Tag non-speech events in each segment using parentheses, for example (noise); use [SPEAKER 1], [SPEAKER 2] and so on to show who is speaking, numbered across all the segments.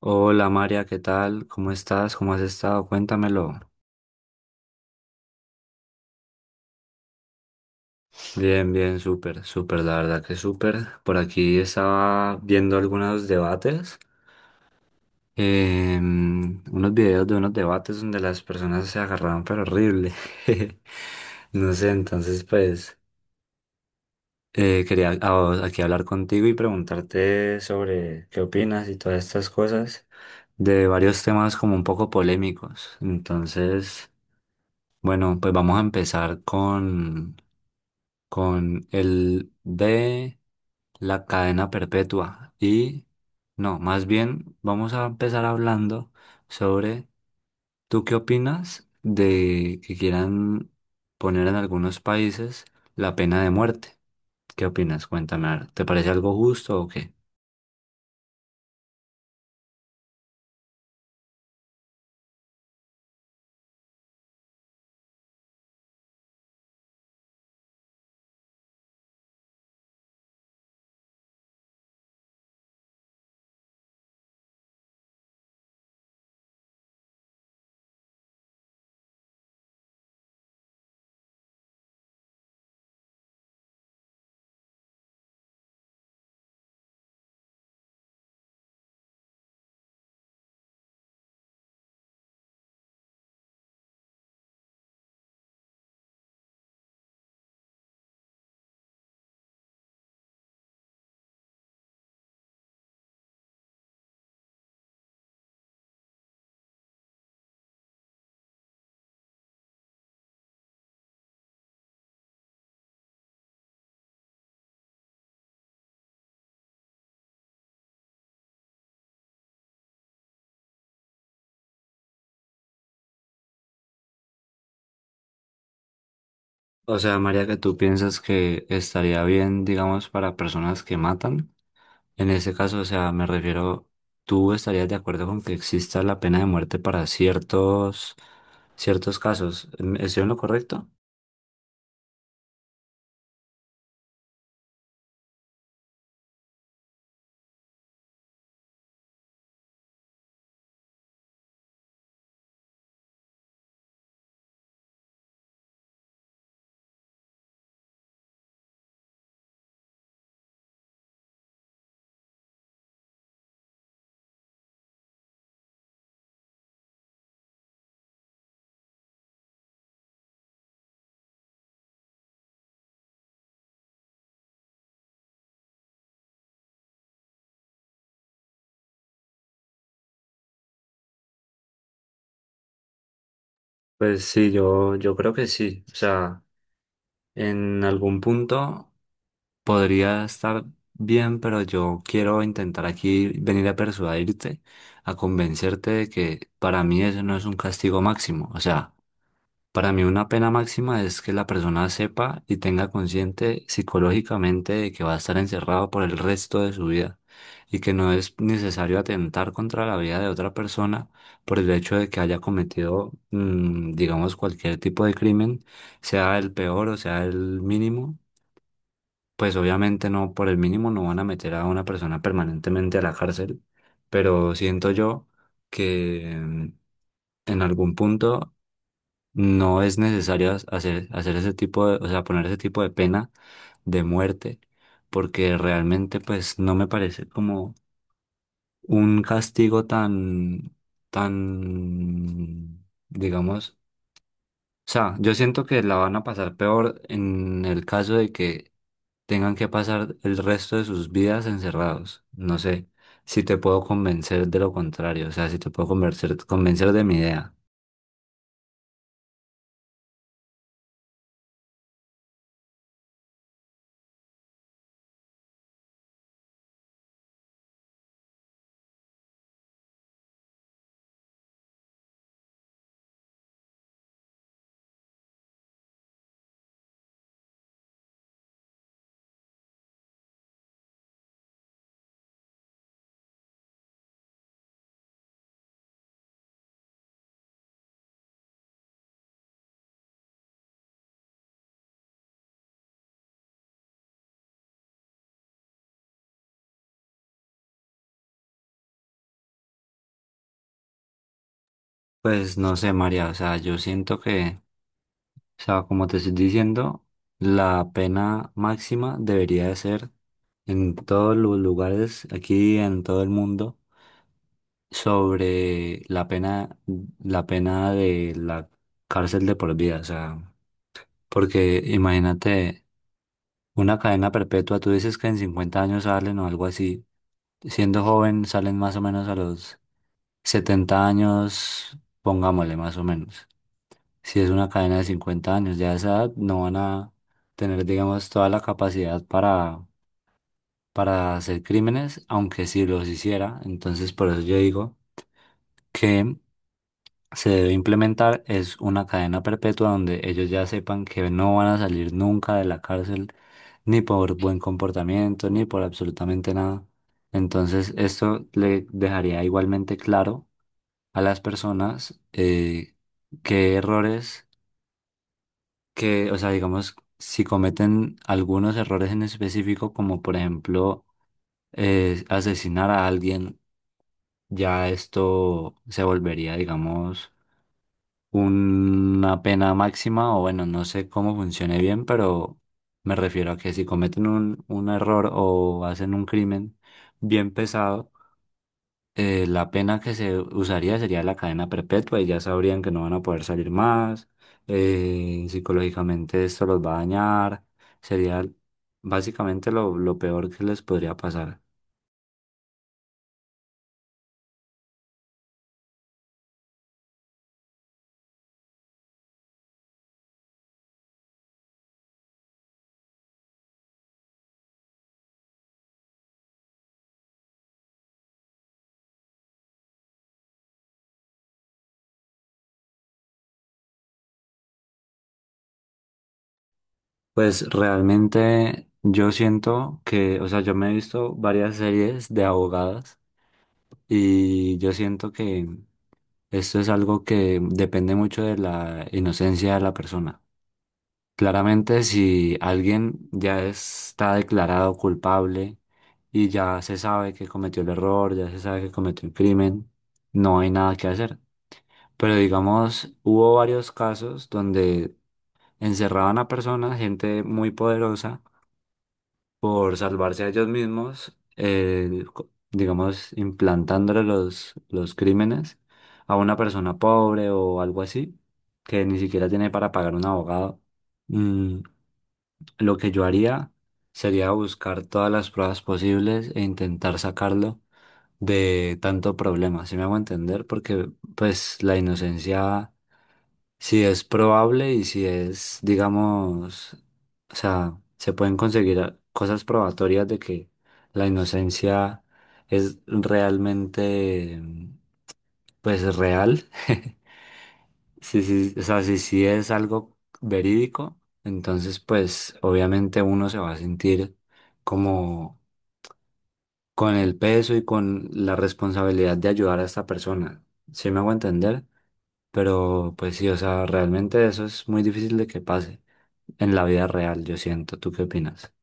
[SPEAKER 1] Hola María, ¿qué tal? ¿Cómo estás? ¿Cómo has estado? Cuéntamelo. Bien, bien, súper, súper, la verdad que súper. Por aquí estaba viendo algunos debates, unos videos de unos debates donde las personas se agarraban pero horrible. (laughs) No sé, entonces pues aquí hablar contigo y preguntarte sobre qué opinas y todas estas cosas de varios temas como un poco polémicos. Entonces, bueno, pues vamos a empezar con el de la cadena perpetua. Y no, más bien vamos a empezar hablando sobre, ¿tú qué opinas de que quieran poner en algunos países la pena de muerte? ¿Qué opinas? Cuéntame, a ver, ¿te parece algo justo o qué? O sea, María, que tú piensas que estaría bien, digamos, para personas que matan. En ese caso, o sea, me refiero, ¿tú estarías de acuerdo con que exista la pena de muerte para ciertos casos? Estoy en lo correcto? Pues sí, yo creo que sí. O sea, en algún punto podría estar bien, pero yo quiero intentar aquí venir a persuadirte, a convencerte de que para mí eso no es un castigo máximo. O sea, para mí una pena máxima es que la persona sepa y tenga consciente psicológicamente de que va a estar encerrado por el resto de su vida y que no es necesario atentar contra la vida de otra persona por el hecho de que haya cometido, digamos, cualquier tipo de crimen, sea el peor o sea el mínimo. Pues obviamente no, por el mínimo no van a meter a una persona permanentemente a la cárcel, pero siento yo que, en algún punto no es necesario hacer ese tipo de, o sea, poner ese tipo de pena de muerte, porque realmente pues no me parece como un castigo tan, tan, digamos, o sea, yo siento que la van a pasar peor en el caso de que tengan que pasar el resto de sus vidas encerrados. No sé si te puedo convencer de lo contrario, o sea, si te puedo convencer de mi idea. Pues no sé, María, o sea, yo siento que, o sea, como te estoy diciendo, la pena máxima debería de ser en todos los lugares, aquí en todo el mundo, sobre la pena de la cárcel de por vida, o sea. Porque imagínate, una cadena perpetua, tú dices que en 50 años salen o algo así. Siendo joven salen más o menos a los 70 años, pongámosle más o menos. Si es una cadena de 50 años, ya a esa edad no van a tener, digamos, toda la capacidad para hacer crímenes, aunque si los hiciera. Entonces, por eso yo digo que se debe implementar es una cadena perpetua donde ellos ya sepan que no van a salir nunca de la cárcel, ni por buen comportamiento, ni por absolutamente nada. Entonces, esto le dejaría igualmente claro a las personas qué errores, que, o sea, digamos, si cometen algunos errores en específico, como por ejemplo asesinar a alguien, ya esto se volvería, digamos, una pena máxima, o bueno, no sé cómo funcione bien, pero me refiero a que si cometen un error o hacen un crimen bien pesado, la pena que se usaría sería la cadena perpetua y ya sabrían que no van a poder salir más. Psicológicamente esto los va a dañar, sería básicamente lo peor que les podría pasar. Pues realmente yo siento que, o sea, yo me he visto varias series de abogadas, y yo siento que esto es algo que depende mucho de la inocencia de la persona. Claramente, si alguien ya está declarado culpable y ya se sabe que cometió el error, ya se sabe que cometió el crimen, no hay nada que hacer. Pero digamos, hubo varios casos donde encerraban a personas, gente muy poderosa, por salvarse a ellos mismos, digamos, implantándole los crímenes a una persona pobre o algo así, que ni siquiera tiene para pagar un abogado. Mm, lo que yo haría sería buscar todas las pruebas posibles e intentar sacarlo de tanto problema, ¿si me hago entender? Porque pues la inocencia si es probable y si es, digamos, o sea, se pueden conseguir cosas probatorias de que la inocencia es realmente, pues, real. (laughs) Sí, sí, o sea, si sí es algo verídico, entonces, pues, obviamente uno se va a sentir como con el peso y con la responsabilidad de ayudar a esta persona. ¿Sí me hago entender? Pero, pues sí, o sea, realmente eso es muy difícil de que pase en la vida real, yo siento. ¿Tú qué opinas?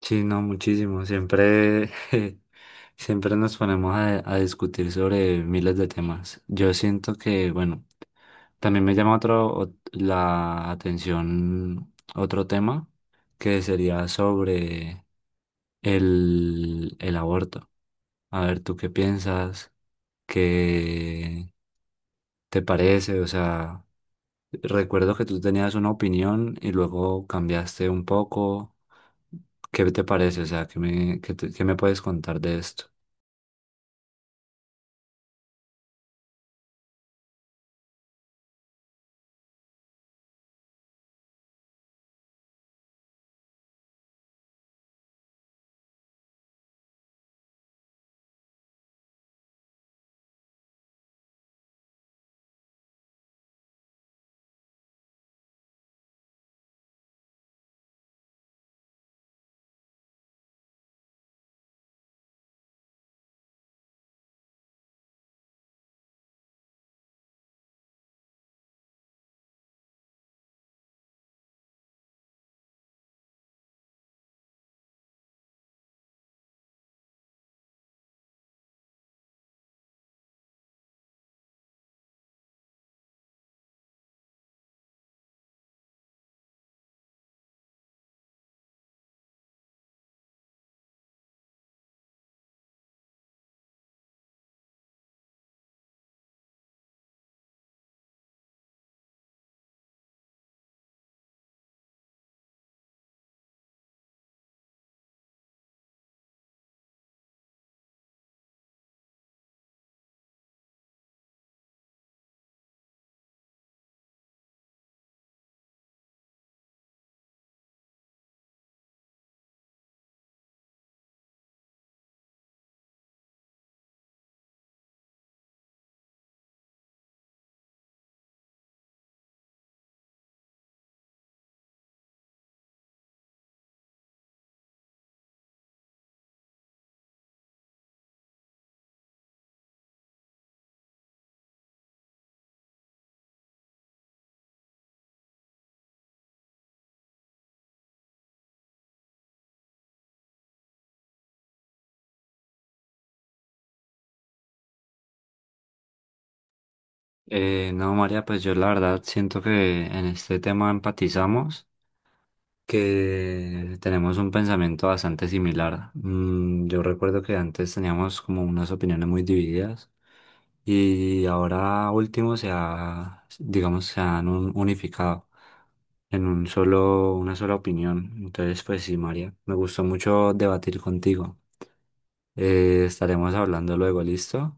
[SPEAKER 1] Sí, no, muchísimo. Siempre, (laughs) siempre nos ponemos a discutir sobre miles de temas. Yo siento que, bueno, también me llama la atención otro tema que sería sobre el aborto. A ver, ¿tú qué piensas? ¿Qué te parece? O sea, recuerdo que tú tenías una opinión y luego cambiaste un poco. ¿Qué te parece? O sea, ¿qué me, qué me puedes contar de esto? No, María, pues yo la verdad siento que en este tema empatizamos, que tenemos un pensamiento bastante similar. Yo recuerdo que antes teníamos como unas opiniones muy divididas y ahora último se ha, digamos, se han unificado en un solo, una sola opinión. Entonces, pues sí, María, me gustó mucho debatir contigo. Estaremos hablando luego, ¿listo?